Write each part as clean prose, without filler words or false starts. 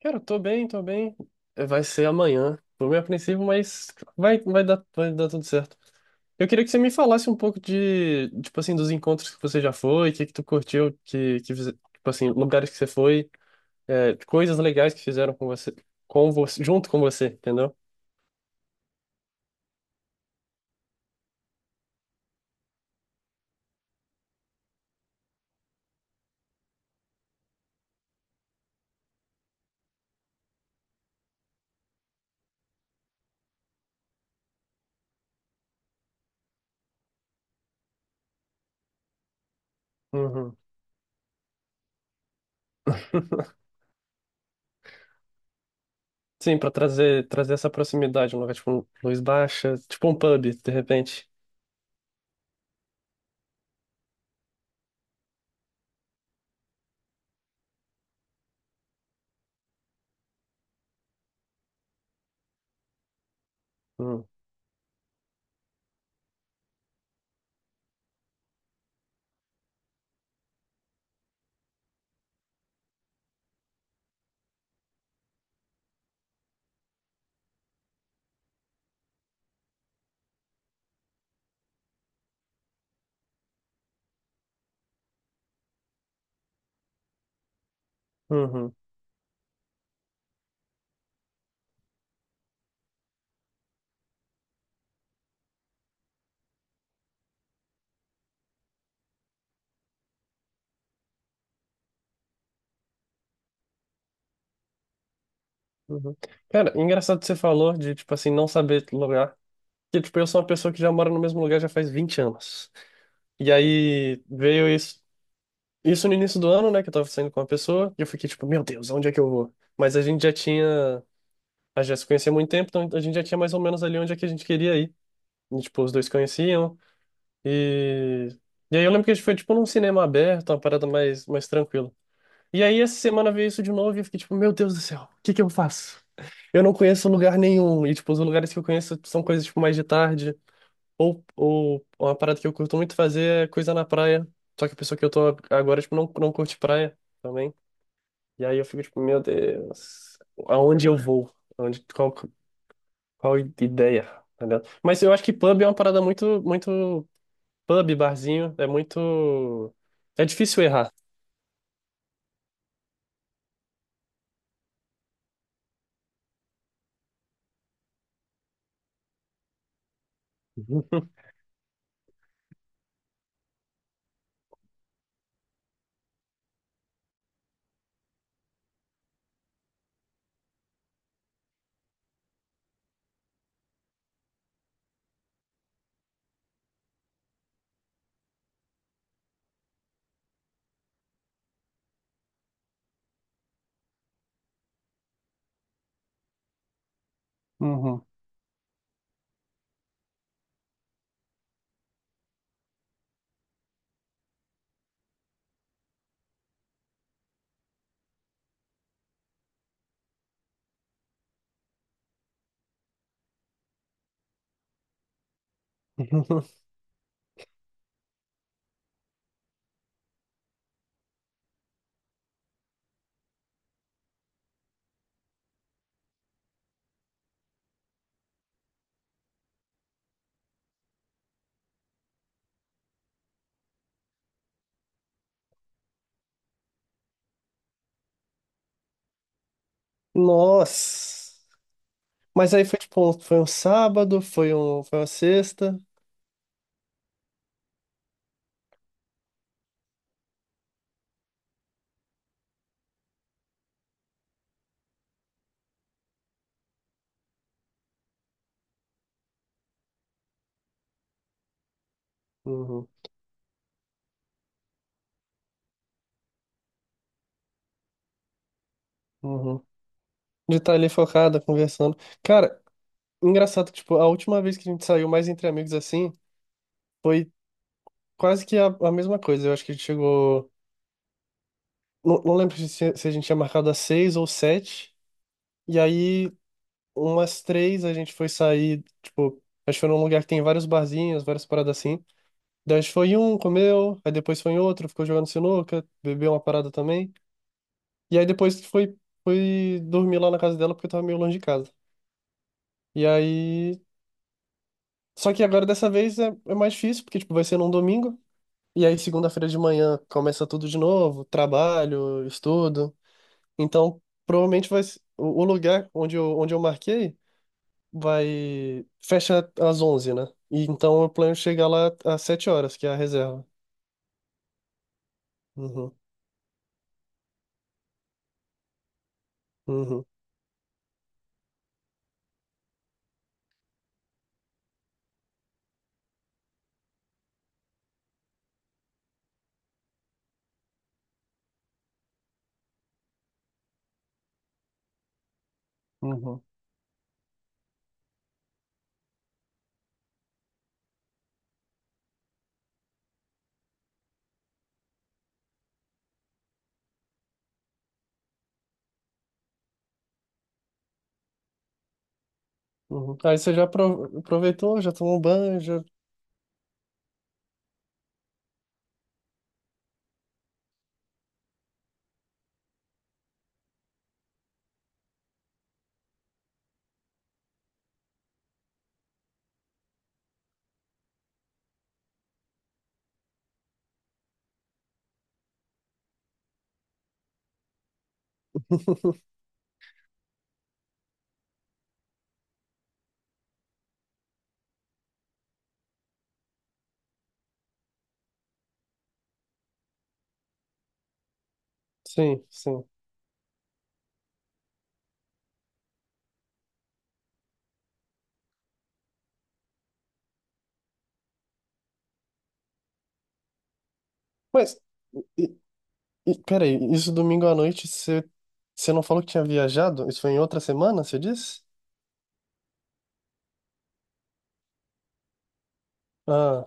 Cara, eu tô bem, tô bem. É, vai ser amanhã. Tô meio apreensivo, mas vai dar tudo certo. Eu queria que você me falasse um pouco de, tipo assim, dos encontros que você já foi, o que que tu curtiu, tipo assim, lugares que você foi, coisas legais que fizeram com você, junto com você, entendeu? Uhum. Sim, pra trazer essa proximidade, um lugar tipo um luz baixa, tipo um pub, de repente. Uhum. Uhum. Cara, engraçado que você falou de, tipo assim, não saber lugar. Que, tipo, eu sou uma pessoa que já mora no mesmo lugar já faz 20 anos. E aí veio isso no início do ano, né? Que eu tava saindo com uma pessoa. E eu fiquei, tipo, meu Deus, onde é que eu vou? Mas a gente já tinha. A gente já se conhecia há muito tempo, então a gente já tinha mais ou menos ali onde é que a gente queria ir. E, tipo, os dois conheciam. E. E aí eu lembro que a gente foi, tipo, num cinema aberto, uma parada mais, mais tranquila. E aí essa semana veio isso de novo e eu fiquei, tipo, meu Deus do céu, o que que eu faço? Eu não conheço lugar nenhum. E, tipo, os lugares que eu conheço são coisas, tipo, mais de tarde. Ou uma parada que eu curto muito fazer é coisa na praia. Só que a pessoa que eu tô agora, tipo, não curte praia também. E aí eu fico, tipo, meu Deus, aonde eu vou? Aonde, qual ideia? Tá ligado? Mas eu acho que pub é uma parada muito, muito... Pub, barzinho, é muito... É difícil errar. Uhum. Nossa! Mas aí foi tipo, foi um sábado, foi um, foi uma sexta. Uhum, uhum. De estar ali focada, conversando. Cara, engraçado que, tipo, a última vez que a gente saiu mais entre amigos assim, foi quase que a mesma coisa. Eu acho que a gente chegou. Não, não lembro se a gente tinha marcado às 6 ou 7. E aí, umas 3, a gente foi sair, tipo, a gente foi num lugar que tem vários barzinhos, várias paradas assim. Daí a gente foi em um, comeu, aí depois foi em outro, ficou jogando sinuca, bebeu uma parada também. E aí depois foi, foi dormir lá na casa dela porque tava meio longe de casa. E aí. Só que agora dessa vez é mais difícil, porque, tipo, vai ser num domingo. E aí, segunda-feira de manhã, começa tudo de novo, trabalho, estudo. Então, provavelmente vai. O lugar onde eu marquei vai. Fecha às 11, né? E então eu plano chegar lá às 7 horas, que é a reserva. Uhum, uhum, uhum, uhum. Aí você já aproveitou, já tomou um banho, já. Sim, sim. Mas, e, e, peraí, isso domingo à noite você, você não falou que tinha viajado? Isso foi em outra semana, você disse? Ah,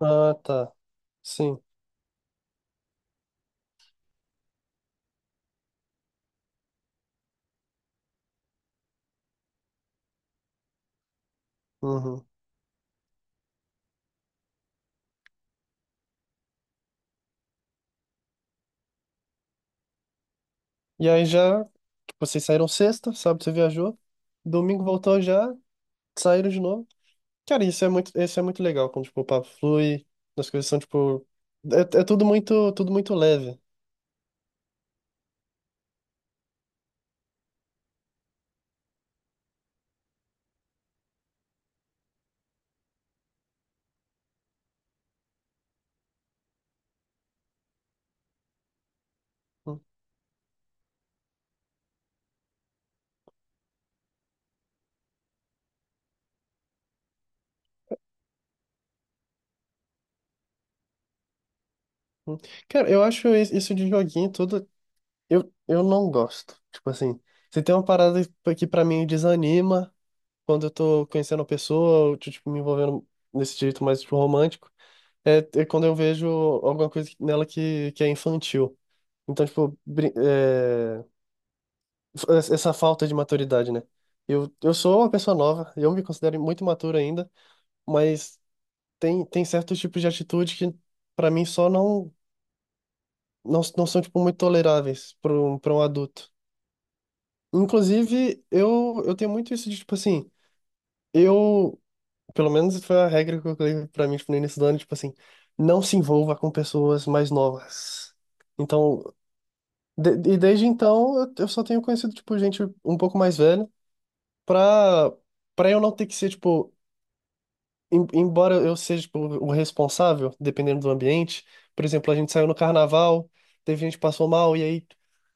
ah, tá. Sim. Uhum. E aí já. Vocês saíram sexta, sábado você viajou, domingo voltou já, saíram de novo. Cara, isso é muito legal, quando, tipo, o papo flui, as coisas são, tipo... É, é tudo muito leve. Hum, hum. Cara, eu acho isso de joguinho tudo... Eu não gosto. Tipo assim, se tem uma parada que pra mim desanima, quando eu tô conhecendo a pessoa, ou, tipo, me envolvendo nesse jeito mais, tipo, romântico, é, é quando eu vejo alguma coisa nela que é infantil. Então, tipo, essa falta de maturidade, né? Eu sou uma pessoa nova, eu me considero muito imaturo ainda, mas tem certos tipos de atitude que, para mim, só não são, tipo, muito toleráveis para um adulto. Inclusive, eu tenho muito isso de, tipo assim, eu pelo menos foi a regra que eu coloquei pra mim, tipo, no início do ano, tipo assim, não se envolva com pessoas mais novas. Então, e desde então, eu só tenho conhecido, tipo, gente um pouco mais velha, pra, pra eu não ter que ser, tipo, embora eu seja, tipo, o responsável, dependendo do ambiente. Por exemplo, a gente saiu no carnaval, teve gente que passou mal, e aí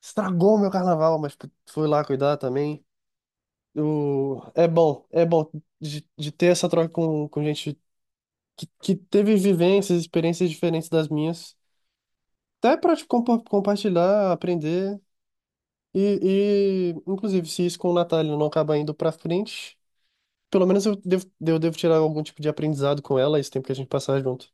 estragou meu carnaval, mas tipo, fui lá cuidar também. O, é bom de, ter essa troca com gente que teve vivências, experiências diferentes das minhas, até para compartilhar, aprender. E, inclusive, se isso com o Natália não acaba indo para frente, pelo menos eu devo tirar algum tipo de aprendizado com ela esse tempo que a gente passar junto.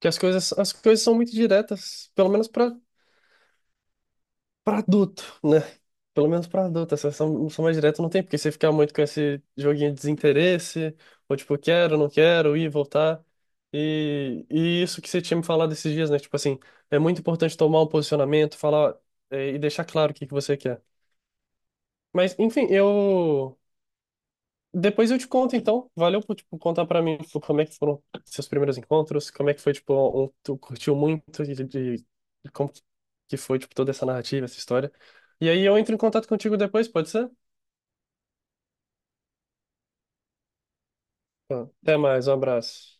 Que as coisas são muito diretas, pelo menos para pra adulto, né? Pelo menos pra adulto. Essa sessão mais direta não tem, porque você ficar muito com esse joguinho de desinteresse, ou tipo, quero, não quero, ir, voltar. E isso que você tinha me falado esses dias, né? Tipo assim, é muito importante tomar um posicionamento, falar, e deixar claro o que que você quer. Mas, enfim, eu. Depois eu te conto, então. Valeu por, tipo, contar pra mim, tipo, como é que foram seus primeiros encontros, como é que foi, tipo, um, tu curtiu muito de como que foi, tipo, toda essa narrativa, essa história. E aí eu entro em contato contigo depois, pode ser? Tá. Até mais, um abraço.